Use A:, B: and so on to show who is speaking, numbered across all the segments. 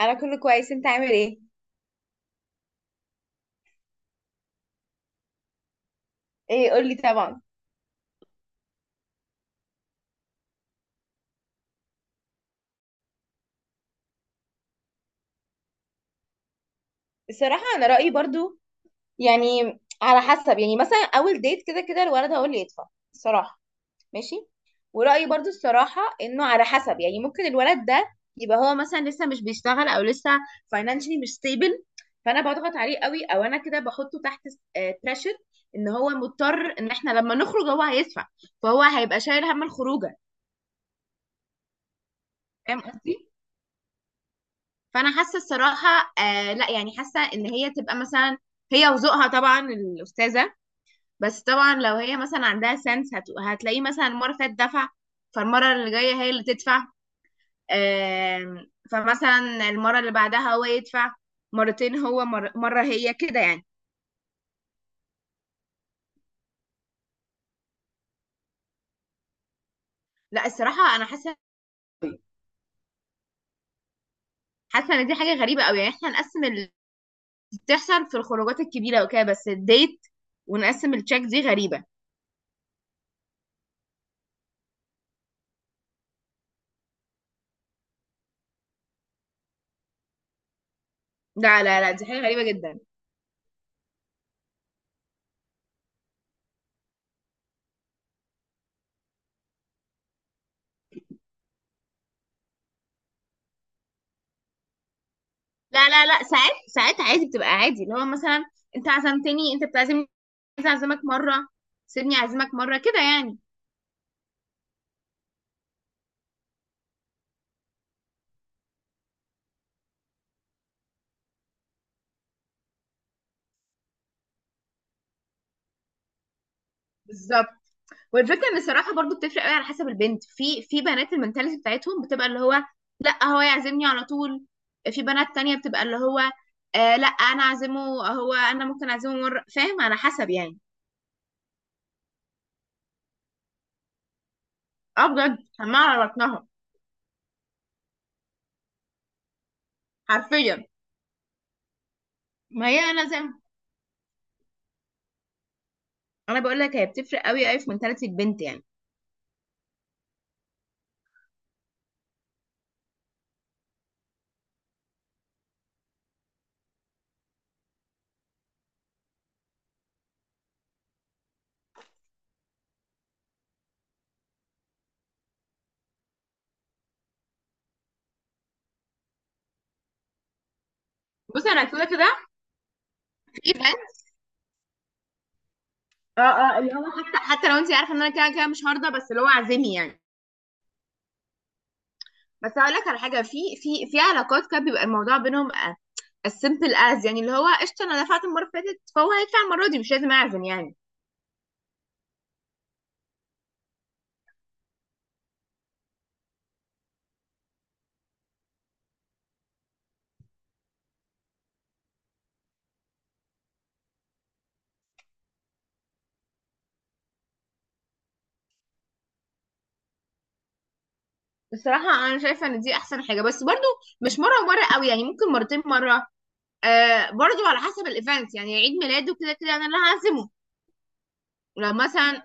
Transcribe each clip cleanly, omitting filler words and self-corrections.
A: انا كله كويس، انت عامل ايه؟ ايه، قول لي طبعا. الصراحه انا رايي برضو يعني على حسب، يعني مثلا اول ديت كده كده الولد هو اللي يدفع الصراحه. ماشي. ورايي برضو الصراحه انه على حسب، يعني ممكن الولد ده يبقى هو مثلا لسه مش بيشتغل او لسه فاينانشلي مش ستيبل، فانا بضغط عليه قوي او انا كده بحطه تحت بريشر ان هو مضطر ان احنا لما نخرج هو هيدفع، فهو هيبقى شايل هم الخروجه. فاهم قصدي؟ فانا حاسه الصراحه، آه لا، يعني حاسه ان هي تبقى مثلا هي وذوقها طبعا الاستاذه، بس طبعا لو هي مثلا عندها سنس هتلاقيه مثلا المره اللي فاتت دفع، فالمره اللي جايه هي اللي تدفع، فمثلا المره اللي بعدها هو يدفع مرتين، هو مره هي كده يعني. لا الصراحه انا حاسه ان دي حاجه غريبه قوي، يعني احنا نقسم اللي بتحصل في الخروجات الكبيره وكده، بس الديت ونقسم التشيك دي غريبه. لا لا لا، دي حاجه غريبه جدا. لا لا لا، ساعات ساعات عادي، بتبقى عادي اللي هو مثلا انت عزمتني، انت بتعزمني، عايز اعزمك مره، سيبني اعزمك مره كده يعني. بالظبط. والفكره ان الصراحه برضو بتفرق قوي على حسب البنت، في بنات المنتاليتي بتاعتهم بتبقى اللي هو لا هو يعزمني على طول، في بنات تانية بتبقى اللي هو آه لا انا اعزمه، هو انا ممكن اعزمه مره، فاهم؟ على حسب يعني. اه بجد، حمار على بطنها. حرفيا. ما هي انا زي ما- انا بقول لك هي بتفرق قوي قوي في منتاليتي البنت يعني. بص انا كده كده في، اه اه، اللي هو حتى لو انت عارفه ان انا كده كده مش هرضى، بس اللي هو عازمي يعني. بس هقول لك على حاجه، في في علاقات كده بيبقى الموضوع بينهم السيمبل از، يعني اللي هو قشطه انا دفعت المره اللي فاتت فهو هيدفع المره دي، مش لازم اعزم يعني. بصراحه انا شايفه ان دي احسن حاجه، بس برضو مش مره ومره قوي، يعني ممكن مرتين مره. آه برضو على حسب الايفنت، يعني عيد ميلاده كده كده انا اللي هعزمه. لو مثلا.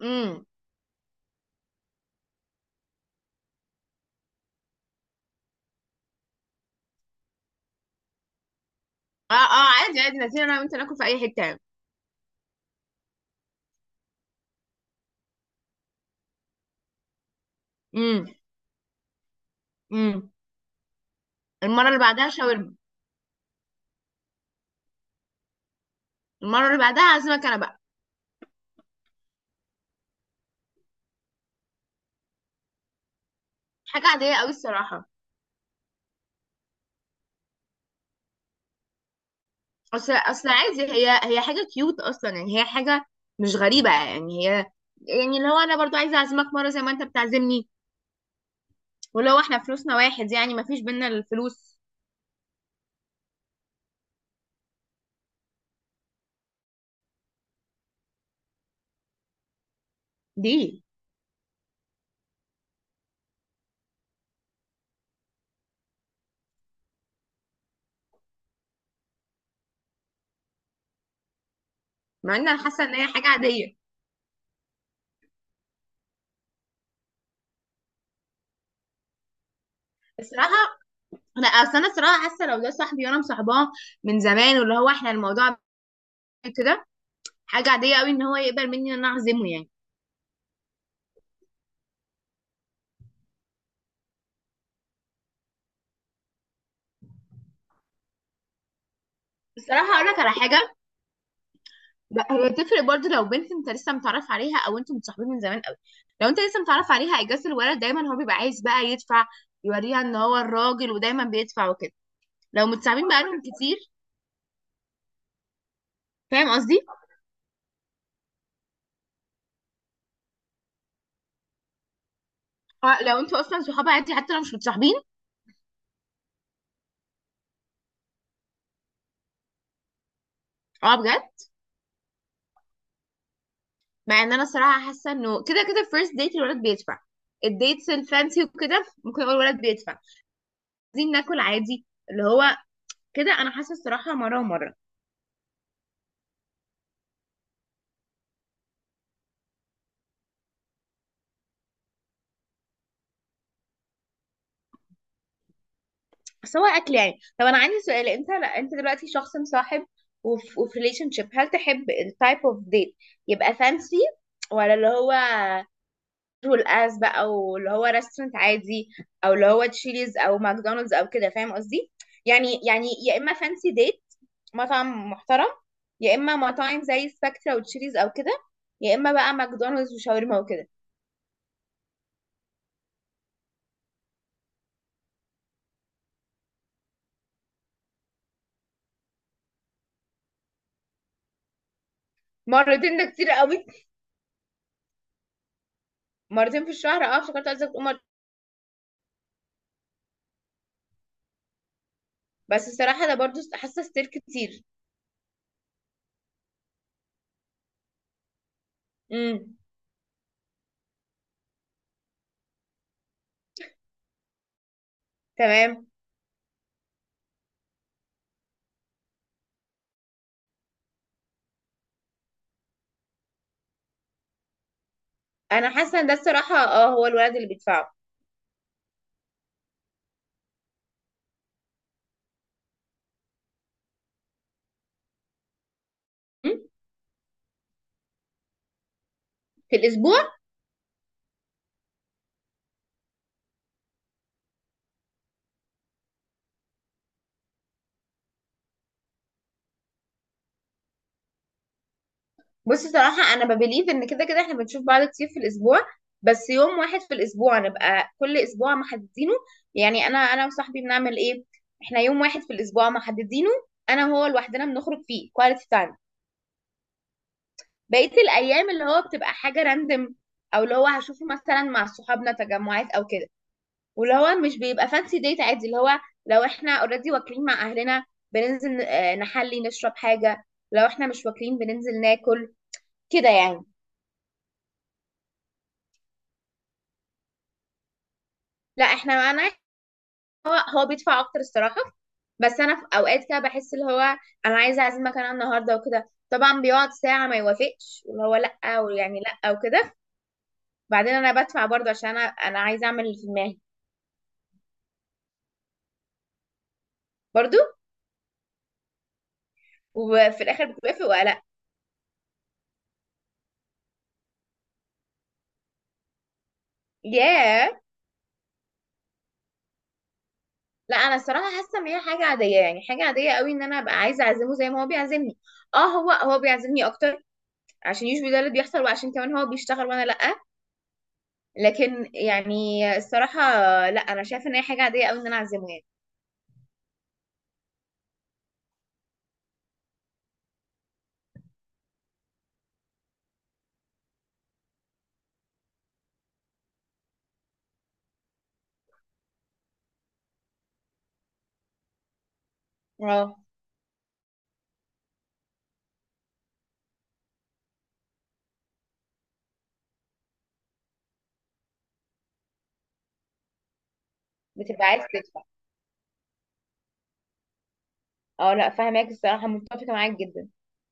A: امم. اه اه، عادي عادي نازلين انا وانت ناكل في اي حته يعني. امم. امم. المره اللي بعدها شاورما. المره اللي بعدها هعزمك انا بقى. حاجة عادية قوي الصراحة. اصل عادي، هي حاجة كيوت اصلا، يعني هي حاجة مش غريبة يعني، هي يعني اللي هو انا برضو عايزة اعزمك مرة زي ما انت بتعزمني، ولو احنا فلوسنا واحد يعني ما فيش بينا الفلوس دي. مع ان انا حاسة ان هي حاجة عادية الصراحة. انا اصل انا الصراحة حاسة لو ده صاحبي وانا مصاحباه من زمان واللي هو احنا الموضوع كده، حاجة عادية قوي ان هو يقبل مني ان انا اعزمه يعني. الصراحة اقول لك على حاجة، لا، هي تفرق برضه لو بنت انت لسه متعرف عليها او انتوا متصاحبين من زمان قوي. لو انت لسه متعرف عليها اجازه الولد دايما هو بيبقى عايز بقى يدفع، يوريها ان هو الراجل ودايما بيدفع وكده. لو متصاحبين بقالهم كتير، فاهم قصدي؟ اه، لو انتوا اصلا صحاب عادي حتى لو مش متصاحبين. اه بجد. مع ان انا الصراحه حاسه انه كده كده فيرست ديت الولد بيدفع، الديتس الفانسي وكده ممكن يقول الولد بيدفع. عايزين ناكل عادي، اللي هو كده، انا حاسه الصراحه مره ومره. بس هو اكل يعني. طب انا عندي سؤال، انت، لا، انت دلوقتي شخص مصاحب وفي ريليشن شيب، هل تحب التايب اوف ديت يبقى فانسي، ولا اللي هو رول اس بقى، او اللي هو ريستورانت عادي، او اللي هو تشيليز او ماكدونالدز او كده؟ فاهم قصدي؟ يعني يا اما فانسي ديت مطعم محترم، يا اما مطاعم زي سبكترا وتشيليز او كده، يا اما بقى ماكدونالدز وشاورما وكده. مرتين ده كتير قوي. مرتين في الشهر، اه افتكرت قصدك تقول مرة. بس الصراحه ده برضو حاسه ستير كتير. امم. تمام. انا حاسه ان ده الصراحه، هو الولد اللي بيدفعه. م؟ في الاسبوع. بصي صراحه انا ببليف ان كده كده احنا بنشوف بعض كتير في الاسبوع، بس يوم واحد في الاسبوع نبقى كل اسبوع محددينه. يعني انا وصاحبي بنعمل ايه، احنا يوم واحد في الاسبوع محددينه انا وهو لوحدنا بنخرج فيه كواليتي تايم. بقيه الايام اللي هو بتبقى حاجه راندم، او اللي هو هشوفه مثلا مع صحابنا تجمعات او كده. ولو هو مش بيبقى فانسي ديت عادي، اللي هو لو احنا اوريدي واكلين مع اهلنا بننزل نحلي نشرب حاجة، لو احنا مش واكلين بننزل ناكل، كده يعني. لا احنا معانا. هو هو بيدفع اكتر الصراحة، بس انا في اوقات كده بحس اللي هو انا عايزة اعزمك انا النهاردة وكده، طبعا بيقعد ساعة ما يوافقش واللي هو لا، ويعني لا وكده، بعدين انا بدفع برضه عشان انا عايزة اعمل اللي في دماغي. برضه. وفي الاخر بتوافق ولا لا؟ ياه. لا انا الصراحه حاسه ان هي حاجه عاديه، يعني حاجه عاديه قوي ان انا ابقى عايزه اعزمه زي ما هو بيعزمني. اه، هو بيعزمني اكتر عشان يشبه ده اللي بيحصل، وعشان كمان هو بيشتغل وانا لا، لكن يعني الصراحه، لا انا شايفه ان هي حاجه عاديه قوي ان انا اعزمه يعني. اه بتبقى عايز تدفع. اه لا فاهماك، الصراحه متفقه معاك جدا.